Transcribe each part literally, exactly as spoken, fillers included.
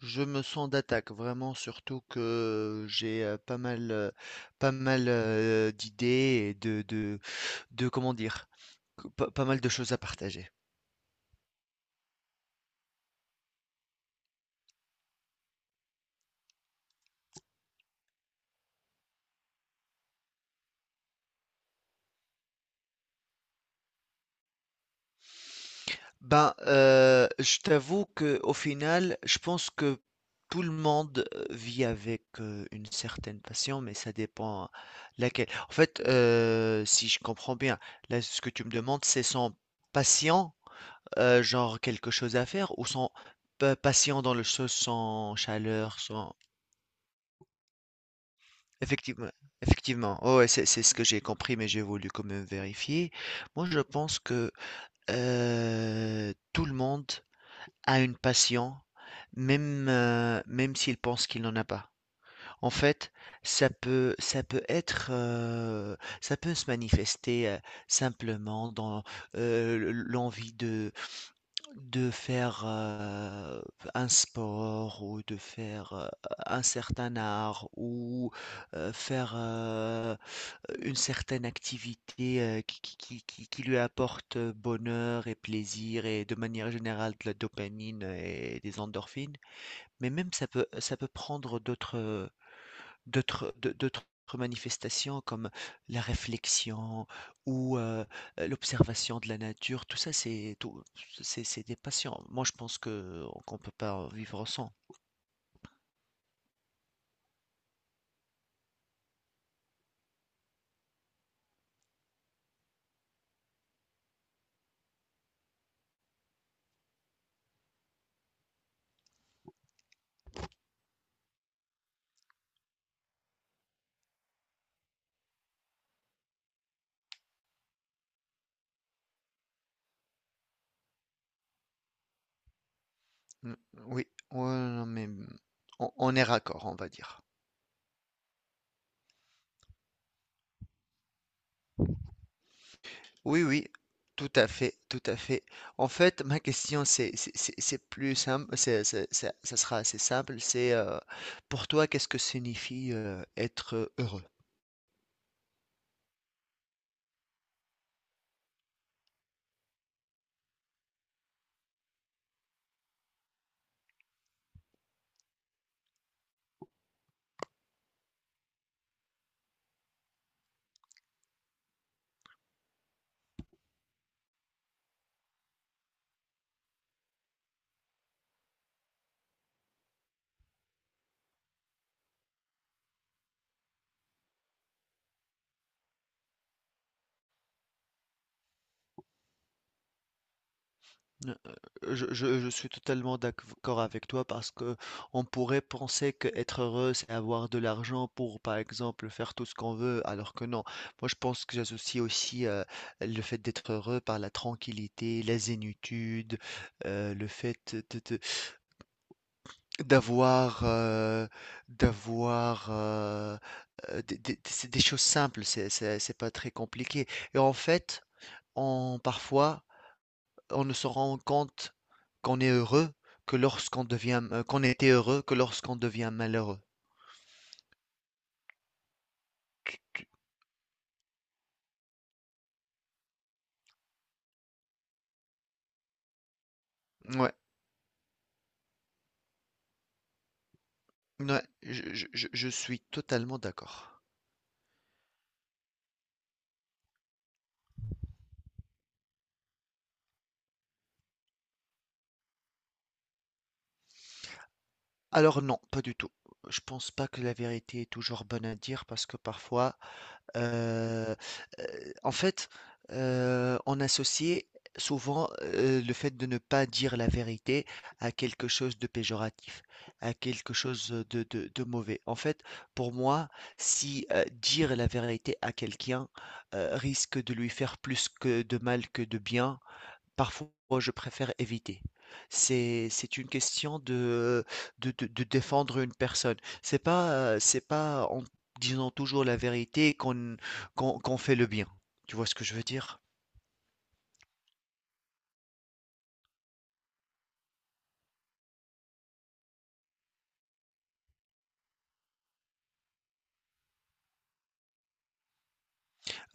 Je me sens d'attaque vraiment, surtout que j'ai euh, pas mal, euh, pas mal euh, d'idées et de, de, de, comment dire, que- pas, pas mal de choses à partager. Ben, euh, je t'avoue que au final, je pense que tout le monde euh, vit avec euh, une certaine passion, mais ça dépend laquelle. En fait, euh, si je comprends bien, là, ce que tu me demandes, c'est son patient. Heu, genre quelque chose à faire ou sans pa patient dans le so sans chaleur, sans effectivement. Effectivement, oh ouais, c'est c'est ce que j'ai compris, mais j'ai voulu quand même vérifier. Moi, je pense que, heu, tout le monde a une passion, même, heu, même s'il pense qu'il n'en a pas. En fait, ça peut ça peut être, heu, ça peut se manifester, heu, simplement dans, heu, le l'envie de De faire, heu, un sport ou de faire, heu, un certain art ou, heu, faire, heu, une certaine activité, heu, qui qui qui qui qui lui apporte bonheur et plaisir et de manière générale de la dopamine et des endorphines. Mais même ça peut ça peut prendre d'autres, D'autres d'au d'autres manifestations comme la réflexion ou, heu, l'observation de la nature, tout ça c'est tout c'est c'est des passions. Moi, je pense que qu'on peut pas vivre sans. Mmh, oui, ouais, non, mais, mmh, on on est raccord, on va dire. Oui, oui, tout à fait, tout à fait. En fait, ma question c'est c'est c'est c'est plus simple, c'est c'est c'est ça sera assez simple, c'est, heu, pour toi, qu'est-ce que signifie, heu, être heureux? Euh, euh, Je, je- je suis totalement d'accord avec toi parce que on pourrait penser que être heureux, c'est avoir de l'argent pour, par exemple, faire tout ce qu'on veut, alors que non. Moi, je pense que j'associe aussi euh, le fait d'être heureux par la tranquillité, la zénitude, euh, le fait de- de- d'avoir euh, d'avoir euh, euh, des, des- des- c'est des choses simples. C'est c'est- c'est pas très compliqué. Et en fait, on parfois on ne se rend compte qu'on est heureux que lorsqu'on devient, euh, qu'on était heureux que lorsqu'on devient malheureux. Ouais, ouais, je, je- je- je suis totalement d'accord. Alors non, pas du tout. Je pense pas que la vérité est toujours bonne à dire parce que parfois, Heu heu, en fait, heu, on associait souvent, heu, le fait de ne pas dire la vérité à quelque chose de péjoratif, à quelque chose, de de de mauvais. En fait, pour moi, si, heu, dire la vérité à quelqu'un, heu, risque de lui faire plus que de mal que de bien, parfois, je préfère éviter. C'est c'est une question de de de de défendre une personne. C'est pas, heu, c'est pas en disant toujours la vérité qu'on qu'on qu'on fait le bien. Tu vois ce que je veux dire?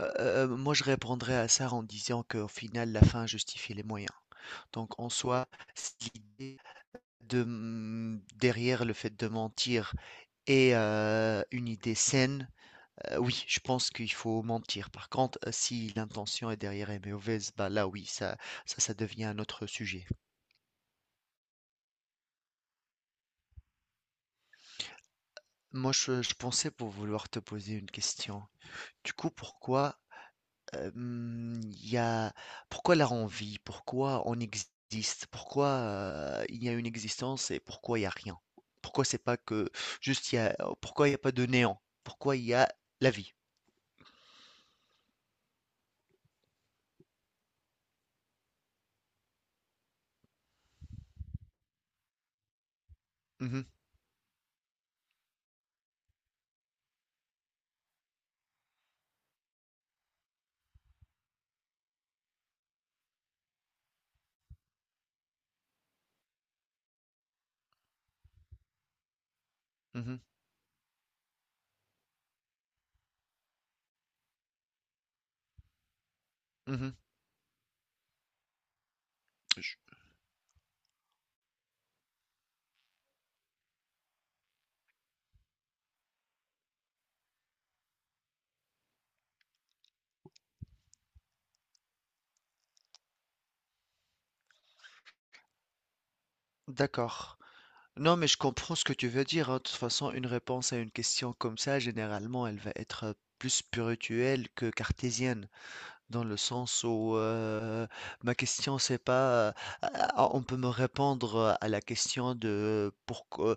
Heu heu moi, je répondrais à ça en disant qu'au final, la fin justifie les moyens. Donc en soi, c'est l'idée de, mmh, derrière le fait de mentir et heu, une idée saine. Heu, oui, je pense qu'il faut mentir. Par contre, heu, si l'intention est derrière est mauvaise, bah là oui, ça ça ça devient un autre sujet. Moi je je pensais pour vouloir te poser une question. Du coup, pourquoi, hem, il y a pourquoi la envie? Pourquoi on existe? Pourquoi, heu, il y a une existence et pourquoi il y a rien? Pourquoi c'est pas que juste il y a oh, pourquoi il y a pas de néant? Pourquoi il y a la vie? Mmh mh. Mmh. Mmh. Je D'accord. Non, mais je comprends ce que tu veux dire, hein. De toute façon, une réponse à une question comme ça, généralement, elle va être plus spirituelle que cartésienne, dans le sens où euh, ma question, c'est pas, euh, ah, on peut me répondre à la question de pourquoi,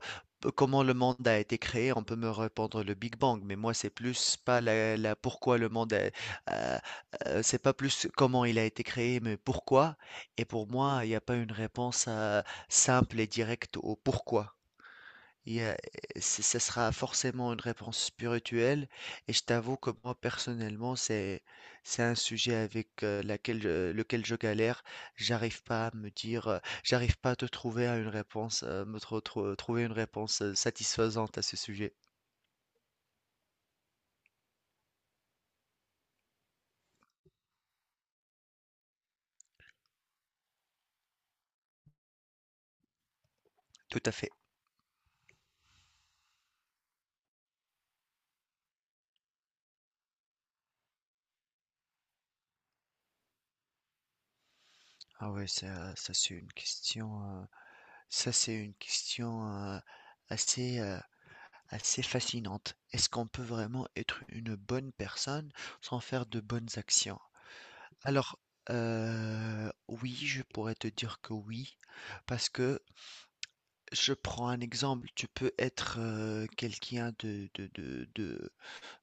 comment le monde a été créé, on peut me répondre le Big Bang, mais moi, c'est plus pas la, la pourquoi le monde, a- euh, euh, c'est pas plus comment il a été créé, mais pourquoi. Et pour moi, il n'y a pas une réponse euh, simple et directe au pourquoi. Il y a- c- Ce sera forcément une réponse spirituelle et je t'avoue que moi personnellement c'est c'est un sujet avec euh, laquelle je- lequel je galère. J'arrive pas à me dire, euh, j'arrive pas à te trouver à une réponse, euh, me tro- tro- trouver une réponse euh, satisfaisante à ce sujet. Tout à fait. Ah ouais, ça, ça c'est une question, euh, ça c'est une question euh, assez euh, assez fascinante. Est-ce qu'on peut vraiment être une bonne personne sans faire de bonnes actions? Alors, heu, oui, je pourrais te dire que oui, parce que je prends un exemple, tu peux être, heu, quelqu'un de de de de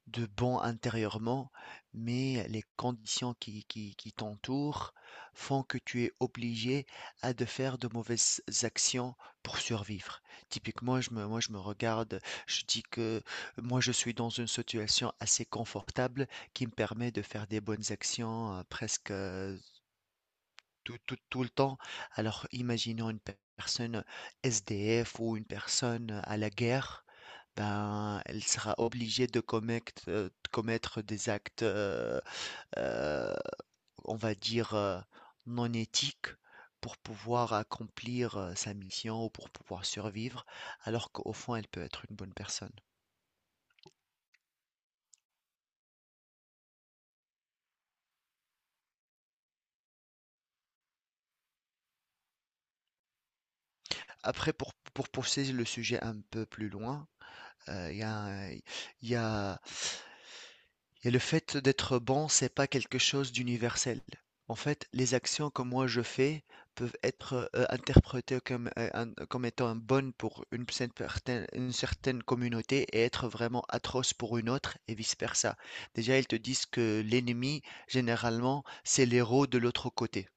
de bon intérieurement, mais les conditions qui qui qui t'entourent font que tu es obligé à de faire de mauvaises actions pour survivre. Typiquement, je me moi, je me regarde, je dis que moi, je suis dans une situation assez confortable qui me permet de faire des bonnes actions, heu, presque, heu, tout tout tout le temps. Alors, imaginons une pe- personne S D F ou une personne à la guerre, ben, elle sera obligée de commettre, euh, de commettre des actes, euh, euh, on va dire, euh, non éthiques pour pouvoir accomplir euh, sa mission ou pour pouvoir survivre, alors qu'au fond, elle peut être une bonne personne. Après, pour, pour pousser le sujet un peu plus loin, euh, il y a, il y a et le fait d'être bon, c'est pas quelque chose d'universel. En fait, les actions que moi je fais peuvent être euh, interprétées comme, euh, un- comme étant bonnes pour une certaine, une certaine communauté et être vraiment atroces pour une autre et vice-versa. Déjà, ils te disent que l'ennemi, généralement, c'est l'héros de l'autre côté.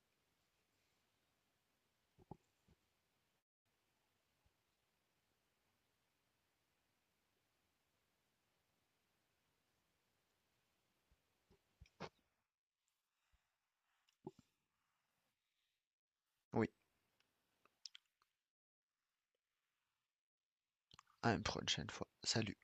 Oui, à une prochaine fois. Salut.